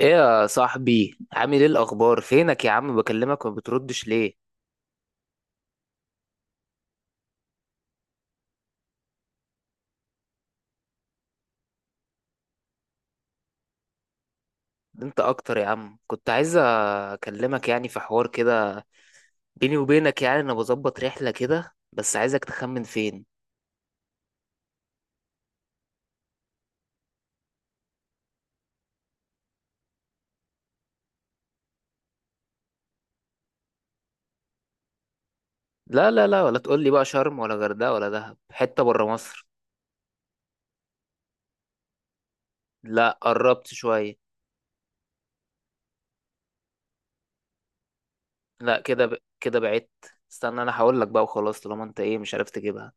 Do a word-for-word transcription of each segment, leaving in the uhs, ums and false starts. ايه يا صاحبي، عامل ايه الاخبار؟ فينك يا عم، بكلمك وما بتردش ليه؟ ده انت اكتر يا عم، كنت عايز اكلمك يعني في حوار كده بيني وبينك. يعني انا بظبط رحله كده، بس عايزك تخمن فين. لا لا لا، ولا تقول لي بقى شرم ولا غردقه ولا دهب، حته بره مصر. لا، قربت شويه. لا، كده ب... كده بعدت. استنى انا هقول لك بقى وخلاص، طالما انت ايه مش عارف تجيبها.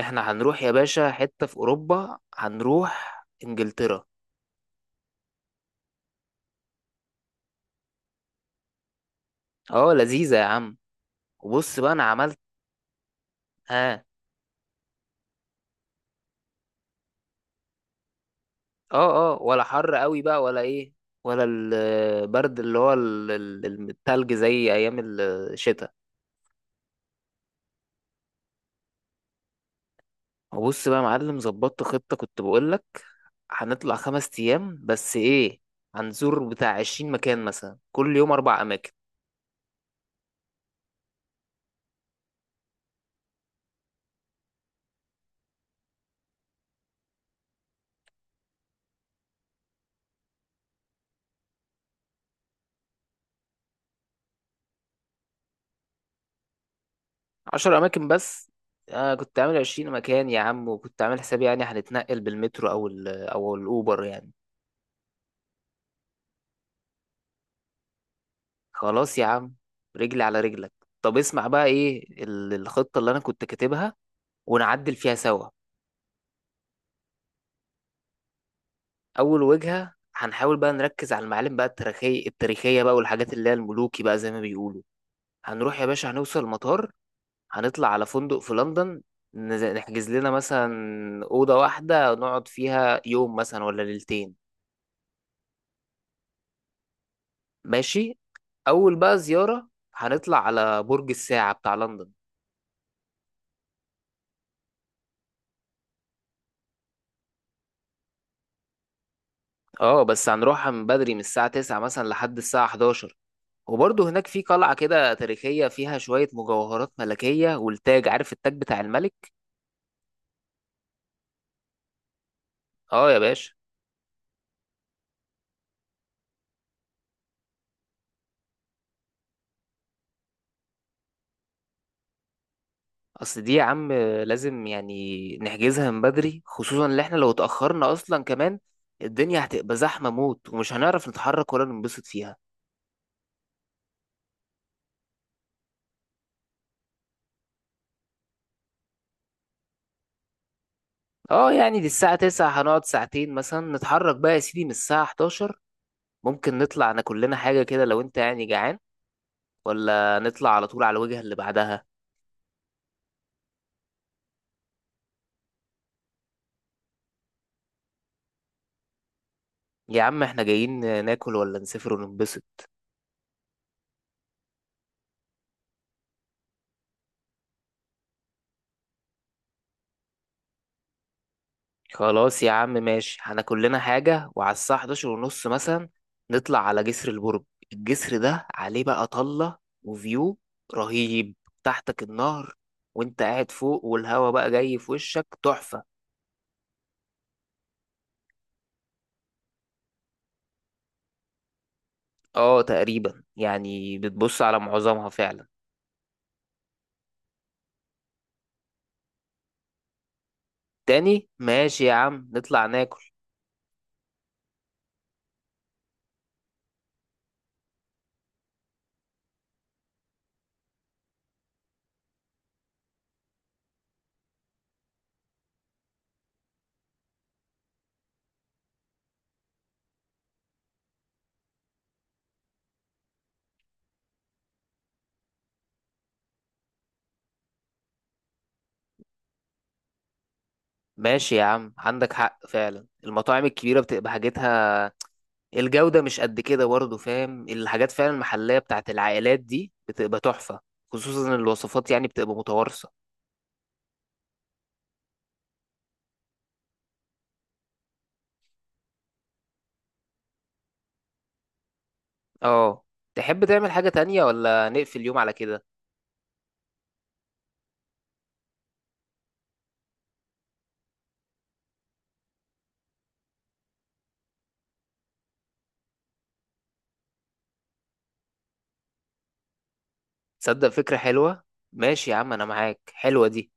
احنا هنروح يا باشا حته في اوروبا، هنروح انجلترا. اه لذيذه يا عم. وبص بقى انا عملت. ها. اه اه، ولا حر قوي بقى ولا ايه؟ ولا البرد اللي هو ال- ال- التلج زي ايام الشتاء؟ وبص بقى يا معلم، ظبطت خطة كنت بقولك. هنطلع خمس ايام بس ايه، هنزور بتاع عشرين مكان مثلا، كل يوم اربع اماكن. عشر اماكن بس؟ انا كنت عامل عشرين مكان يا عم، وكنت عامل حسابي يعني هنتنقل بالمترو او ال او الاوبر يعني. خلاص يا عم، رجلي على رجلك. طب اسمع بقى ايه ال- الخطة اللي انا كنت كاتبها، ونعدل فيها سوا. اول وجهة هنحاول بقى نركز على المعالم بقى التاريخية التاريخية بقى، والحاجات اللي هي الملوكي بقى زي ما بيقولوا. هنروح يا باشا، هنوصل المطار، هنطلع على فندق في لندن، نز- نحجز لنا مثلا أوضة واحدة نقعد فيها يوم مثلا ولا ليلتين. ماشي. أول بقى زيارة، هنطلع على برج الساعة بتاع لندن. اه، بس هنروحها من بدري، من الساعة تسعة مثلا لحد الساعة حداشر. وبرضه هناك في قلعة كده تاريخية فيها شوية مجوهرات ملكية، والتاج، عارف التاج بتاع الملك. اه يا باشا. اصل دي يا عم لازم يعني نحجزها من بدري، خصوصا ان احنا لو اتأخرنا اصلا كمان الدنيا هتبقى زحمة موت، ومش هنعرف نتحرك ولا ننبسط فيها. اه يعني دي الساعة تسعة، هنقعد ساعتين مثلا، نتحرك بقى يا سيدي من الساعة حداشر. ممكن نطلع ناكل لنا حاجة كده لو انت يعني جعان، ولا نطلع على طول على الوجهة اللي بعدها. يا عم احنا جايين ناكل ولا نسافر وننبسط؟ خلاص يا عم ماشي، هناكل لنا حاجة، وعلى الساعة حداشر ونص مثلا نطلع على جسر البرج. الجسر ده عليه بقى طلة وفيو رهيب، تحتك النهر وانت قاعد فوق، والهوا بقى جاي في وشك تحفة. اه تقريبا، يعني بتبص على معظمها فعلا. تاني؟ ماشي يا عم نطلع ناكل. ماشي يا عم، عندك حق فعلا، المطاعم الكبيرة بتبقى حاجتها الجودة مش قد كده برضه، فاهم الحاجات فعلا المحلية بتاعت العائلات دي بتبقى تحفة، خصوصا إن الوصفات يعني بتبقى متوارثة. اه، تحب تعمل حاجة تانية ولا نقفل اليوم على كده؟ تصدق فكرة حلوة. ماشي يا عم أنا معاك، حلوة دي.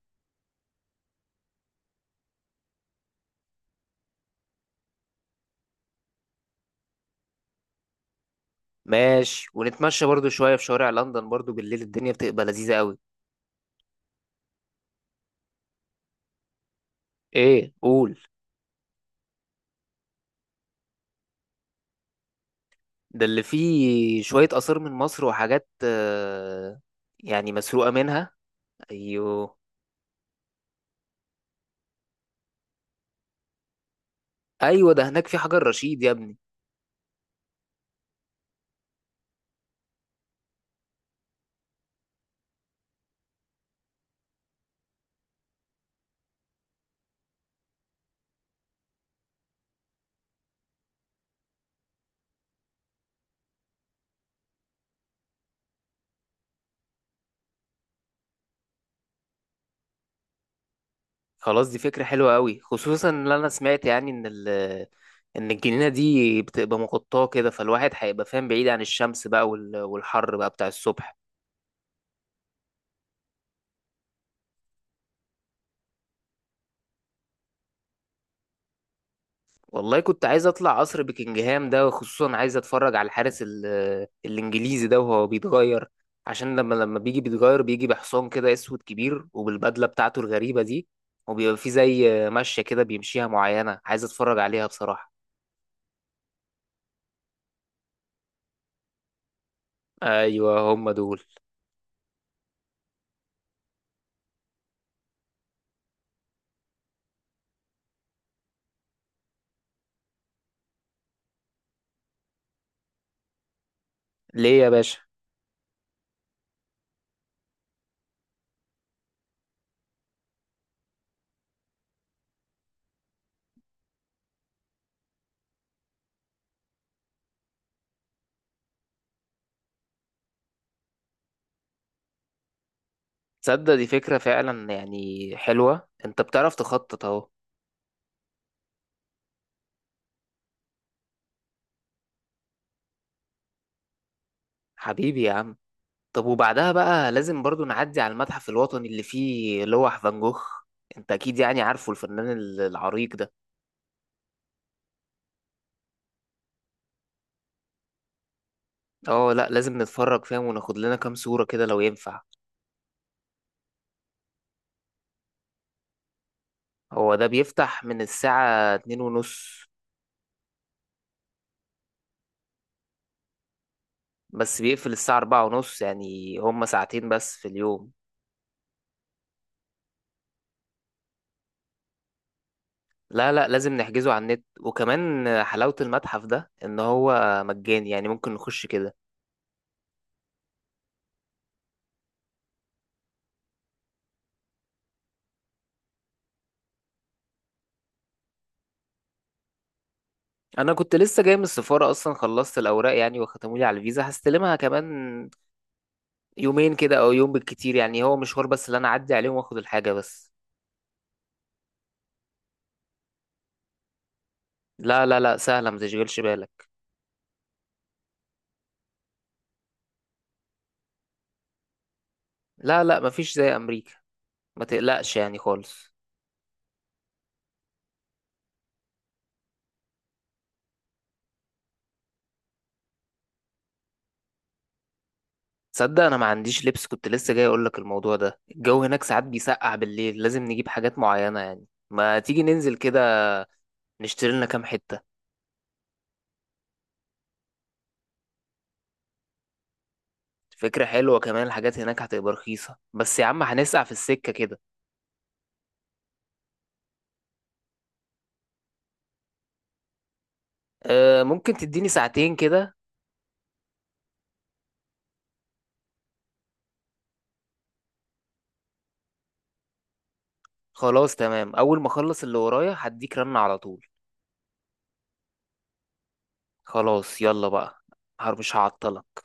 ماشي، ونتمشى برضه شوية في شوارع لندن برضه بالليل، الدنيا بتبقى لذيذة قوي. ايه قول. ده اللي فيه شوية آثار من مصر وحاجات، آه، يعني مسروقة منها. ايوه ايوه، ده هناك في حجر رشيد يا ابني. خلاص، دي فكرة حلوة قوي، خصوصا ان انا سمعت يعني ان ال ان الجنينة دي بتبقى مغطاة كده، فالواحد هيبقى فاهم بعيد عن الشمس بقى وال- والحر بقى بتاع الصبح. والله كنت عايز اطلع قصر بكنجهام ده، وخصوصا عايز اتفرج على الحارس ال- الانجليزي ده وهو بيتغير. عشان لما لما بيجي بيتغير، بيجي بحصان كده اسود كبير، وبالبدلة بتاعته الغريبة دي، وبيبقى فيه زي مشية كده بيمشيها معينة، عايز اتفرج عليها بصراحة. ايوه هم دول. ليه يا باشا؟ تصدق دي فكرة فعلا يعني حلوة، انت بتعرف تخطط اهو. حبيبي يا عم. طب وبعدها بقى لازم برضو نعدي على المتحف الوطني اللي فيه لوح فان جوخ. انت اكيد يعني عارفه الفنان ال- العريق ده. اه لا لازم نتفرج فاهم، وناخد لنا كام صورة كده لو ينفع. هو ده بيفتح من الساعة اتنين ونص. بس بيقفل الساعة أربعة ونص، يعني هما ساعتين بس في اليوم. لا لا، لازم نحجزه على النت، وكمان حلاوة المتحف ده إن هو مجاني، يعني ممكن نخش كده. انا كنت لسه جاي من السفاره اصلا، خلصت الاوراق يعني وختموا لي على الفيزا، هستلمها كمان يومين كده او يوم بالكتير، يعني هو مشوار بس اللي انا اعدي عليهم واخد الحاجه بس. لا لا لا، سهله ما تشغلش بالك. لا لا، مفيش زي امريكا، ما تقلقش يعني خالص. تصدق انا ما عنديش لبس، كنت لسه جاي اقول لك الموضوع ده، الجو هناك ساعات بيسقع بالليل، لازم نجيب حاجات معينه، يعني ما تيجي ننزل كده نشتري لنا كام حته. فكرة حلوة، كمان الحاجات هناك هتبقى رخيصة، بس يا عم هنسقع في السكة كده. أه ممكن تديني ساعتين كده. خلاص تمام، اول ما اخلص اللي ورايا هديك رن على طول. خلاص يلا بقى. هر- مش هعطلك.